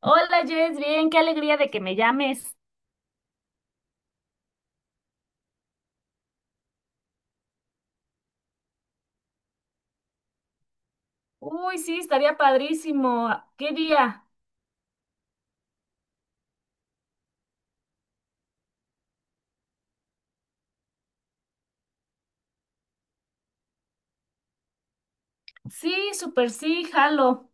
Hola Jess, bien, qué alegría de que me llames. Uy, sí, estaría padrísimo. ¿Qué día? Sí, súper sí, jalo.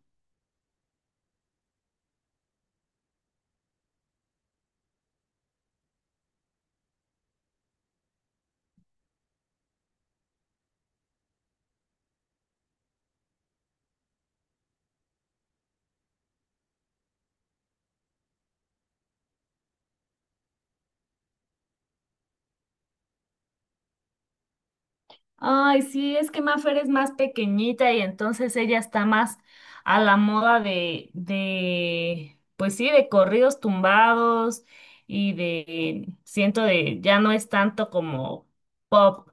Ay, sí, es que Mafer es más pequeñita y entonces ella está más a la moda pues sí, de corridos tumbados y de, siento de, ya no es tanto como pop.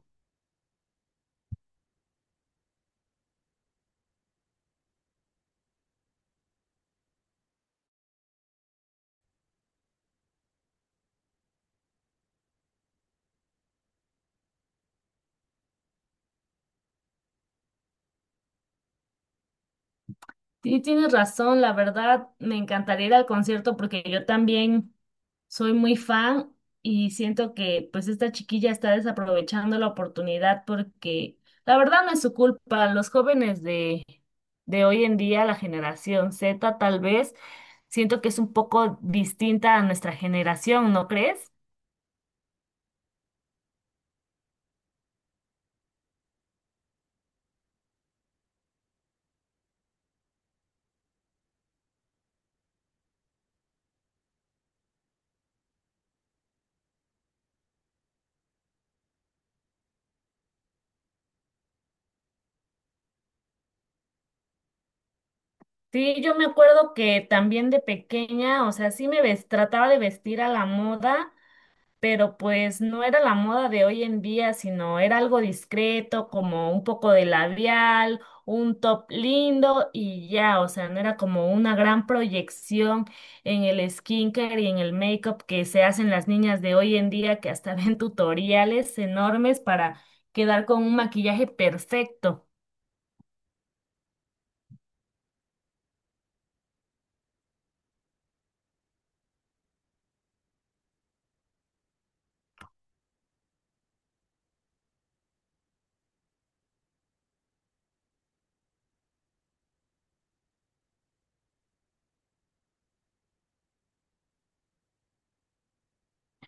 Sí, tienes razón, la verdad, me encantaría ir al concierto porque yo también soy muy fan y siento que pues esta chiquilla está desaprovechando la oportunidad porque la verdad no es su culpa, los jóvenes de hoy en día, la generación Z tal vez, siento que es un poco distinta a nuestra generación, ¿no crees? Sí, yo me acuerdo que también de pequeña, o sea, sí me ves- trataba de vestir a la moda pero pues no era la moda de hoy en día, sino era algo discreto, como un poco de labial, un top lindo y ya, o sea, no era como una gran proyección en el skincare y en el makeup que se hacen las niñas de hoy en día, que hasta ven tutoriales enormes para quedar con un maquillaje perfecto.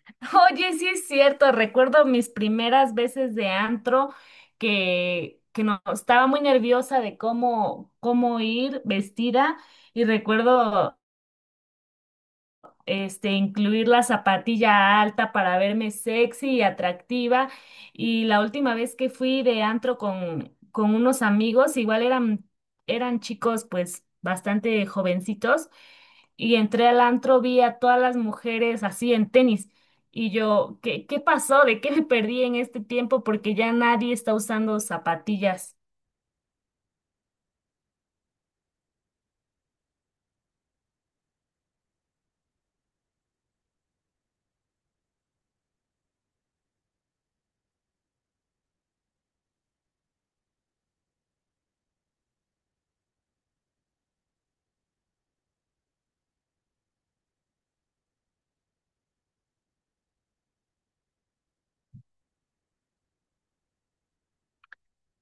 Oye, sí es cierto, recuerdo mis primeras veces de antro que no, estaba muy nerviosa de cómo ir vestida y recuerdo este, incluir la zapatilla alta para verme sexy y atractiva. Y la última vez que fui de antro con unos amigos, igual eran chicos pues bastante jovencitos, y entré al antro, vi a todas las mujeres así en tenis. Y yo, ¿ qué pasó? ¿De qué me perdí en este tiempo? Porque ya nadie está usando zapatillas.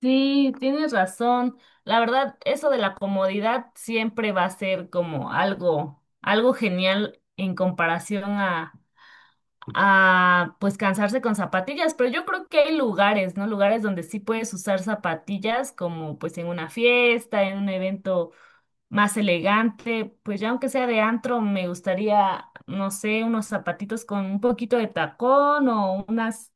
Sí, tienes razón. La verdad, eso de la comodidad siempre va a ser como algo, algo genial en comparación pues cansarse con zapatillas. Pero yo creo que hay lugares, ¿no? Lugares donde sí puedes usar zapatillas, como pues en una fiesta, en un evento más elegante. Pues ya aunque sea de antro, me gustaría, no sé, unos zapatitos con un poquito de tacón o unas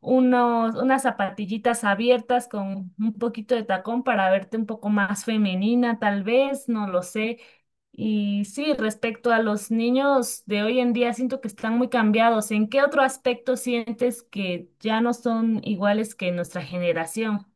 unos, unas zapatillitas abiertas con un poquito de tacón para verte un poco más femenina, tal vez, no lo sé. Y sí, respecto a los niños de hoy en día, siento que están muy cambiados. ¿En qué otro aspecto sientes que ya no son iguales que nuestra generación?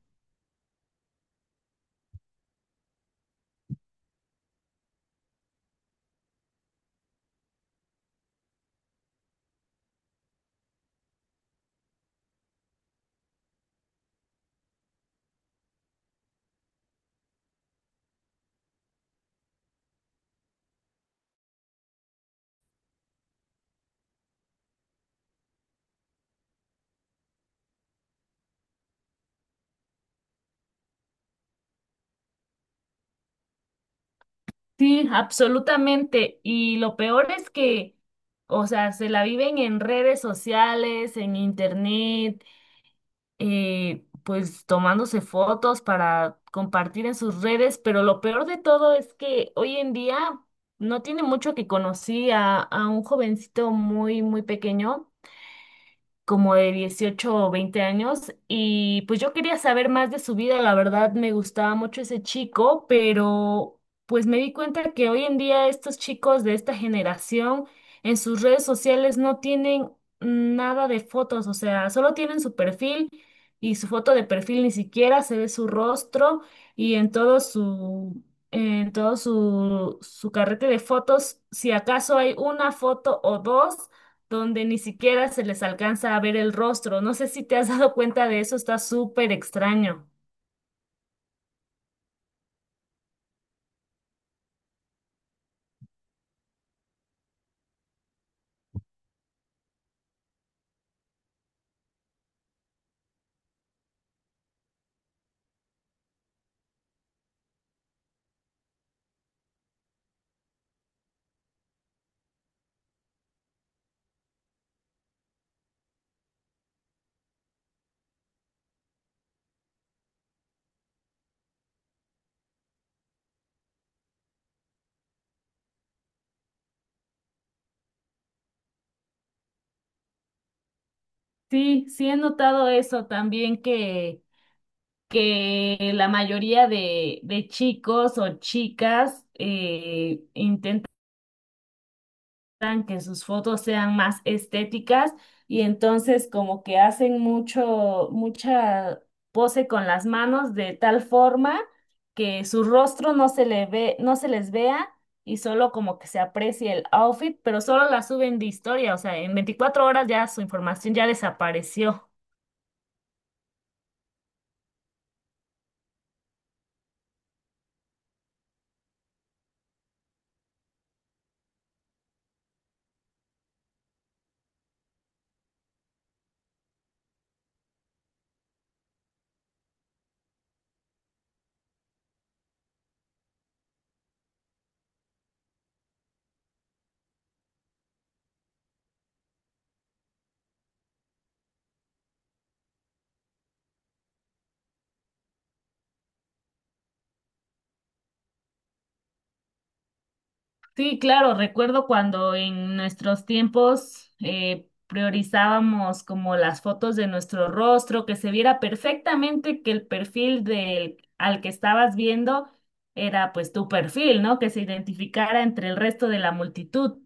Sí, absolutamente. Y lo peor es que, o sea, se la viven en redes sociales, en internet, pues tomándose fotos para compartir en sus redes, pero lo peor de todo es que hoy en día no tiene mucho que conocí a un jovencito muy, muy pequeño como de 18 o 20 años y pues yo quería saber más de su vida, la verdad me gustaba mucho ese chico, pero pues me di cuenta que hoy en día estos chicos de esta generación en sus redes sociales no tienen nada de fotos, o sea, solo tienen su perfil y su foto de perfil ni siquiera se ve su rostro y en todo su, su carrete de fotos, si acaso hay una foto o dos donde ni siquiera se les alcanza a ver el rostro. No sé si te has dado cuenta de eso, está súper extraño. Sí, sí he notado eso también que la mayoría de chicos o chicas logran que sus fotos sean más estéticas y entonces como que hacen mucho, mucha pose con las manos de tal forma que su rostro no se le ve, no se les vea y solo como que se aprecie el outfit, pero solo la suben de historia, o sea, en 24 horas ya su información ya desapareció. Sí, claro, recuerdo cuando en nuestros tiempos priorizábamos como las fotos de nuestro rostro, que se viera perfectamente que el perfil del al que estabas viendo era pues tu perfil, ¿no? Que se identificara entre el resto de la multitud.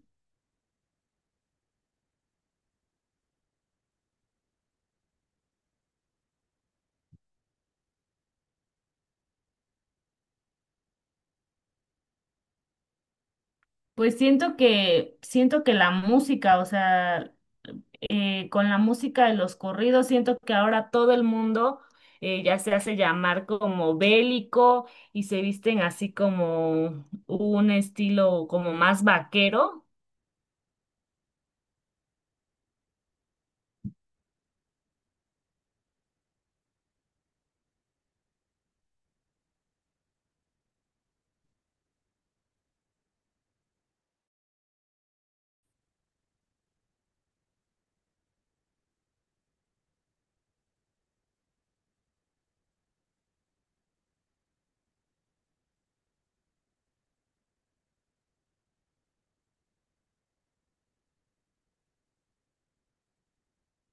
Pues siento que la música, o sea, con la música de los corridos, siento que ahora todo el mundo ya se hace llamar como bélico y se visten así como un estilo como más vaquero.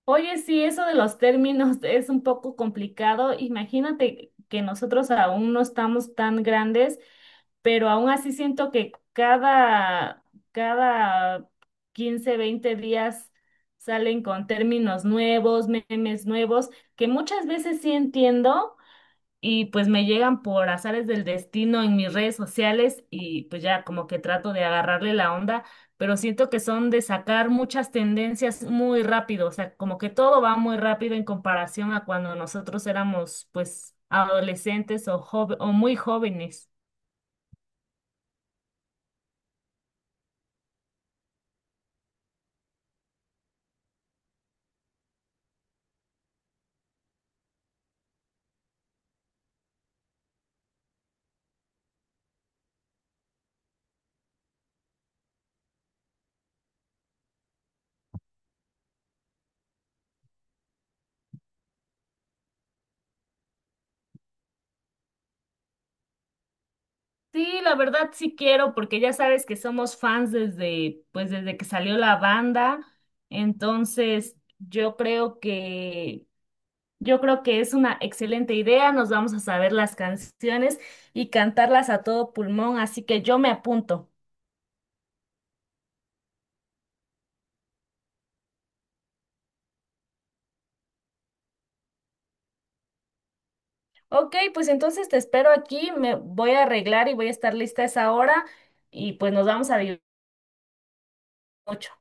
Oye, sí, eso de los términos es un poco complicado. Imagínate que nosotros aún no estamos tan grandes, pero aún así siento que cada 15, 20 días salen con términos nuevos, memes nuevos, que muchas veces sí entiendo, y pues me llegan por azares del destino en mis redes sociales y pues ya como que trato de agarrarle la onda, pero siento que son de sacar muchas tendencias muy rápido, o sea, como que todo va muy rápido en comparación a cuando nosotros éramos pues adolescentes o, jove- o muy jóvenes. Sí, la verdad sí quiero, porque ya sabes que somos fans desde, pues desde que salió la banda, entonces Yo creo que es una excelente idea, nos vamos a saber las canciones y cantarlas a todo pulmón, así que yo me apunto. Ok, pues entonces te espero aquí, me voy a arreglar y voy a estar lista a esa hora y pues nos vamos a divertir mucho.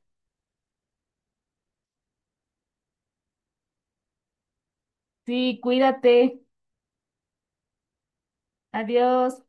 Sí, cuídate, adiós.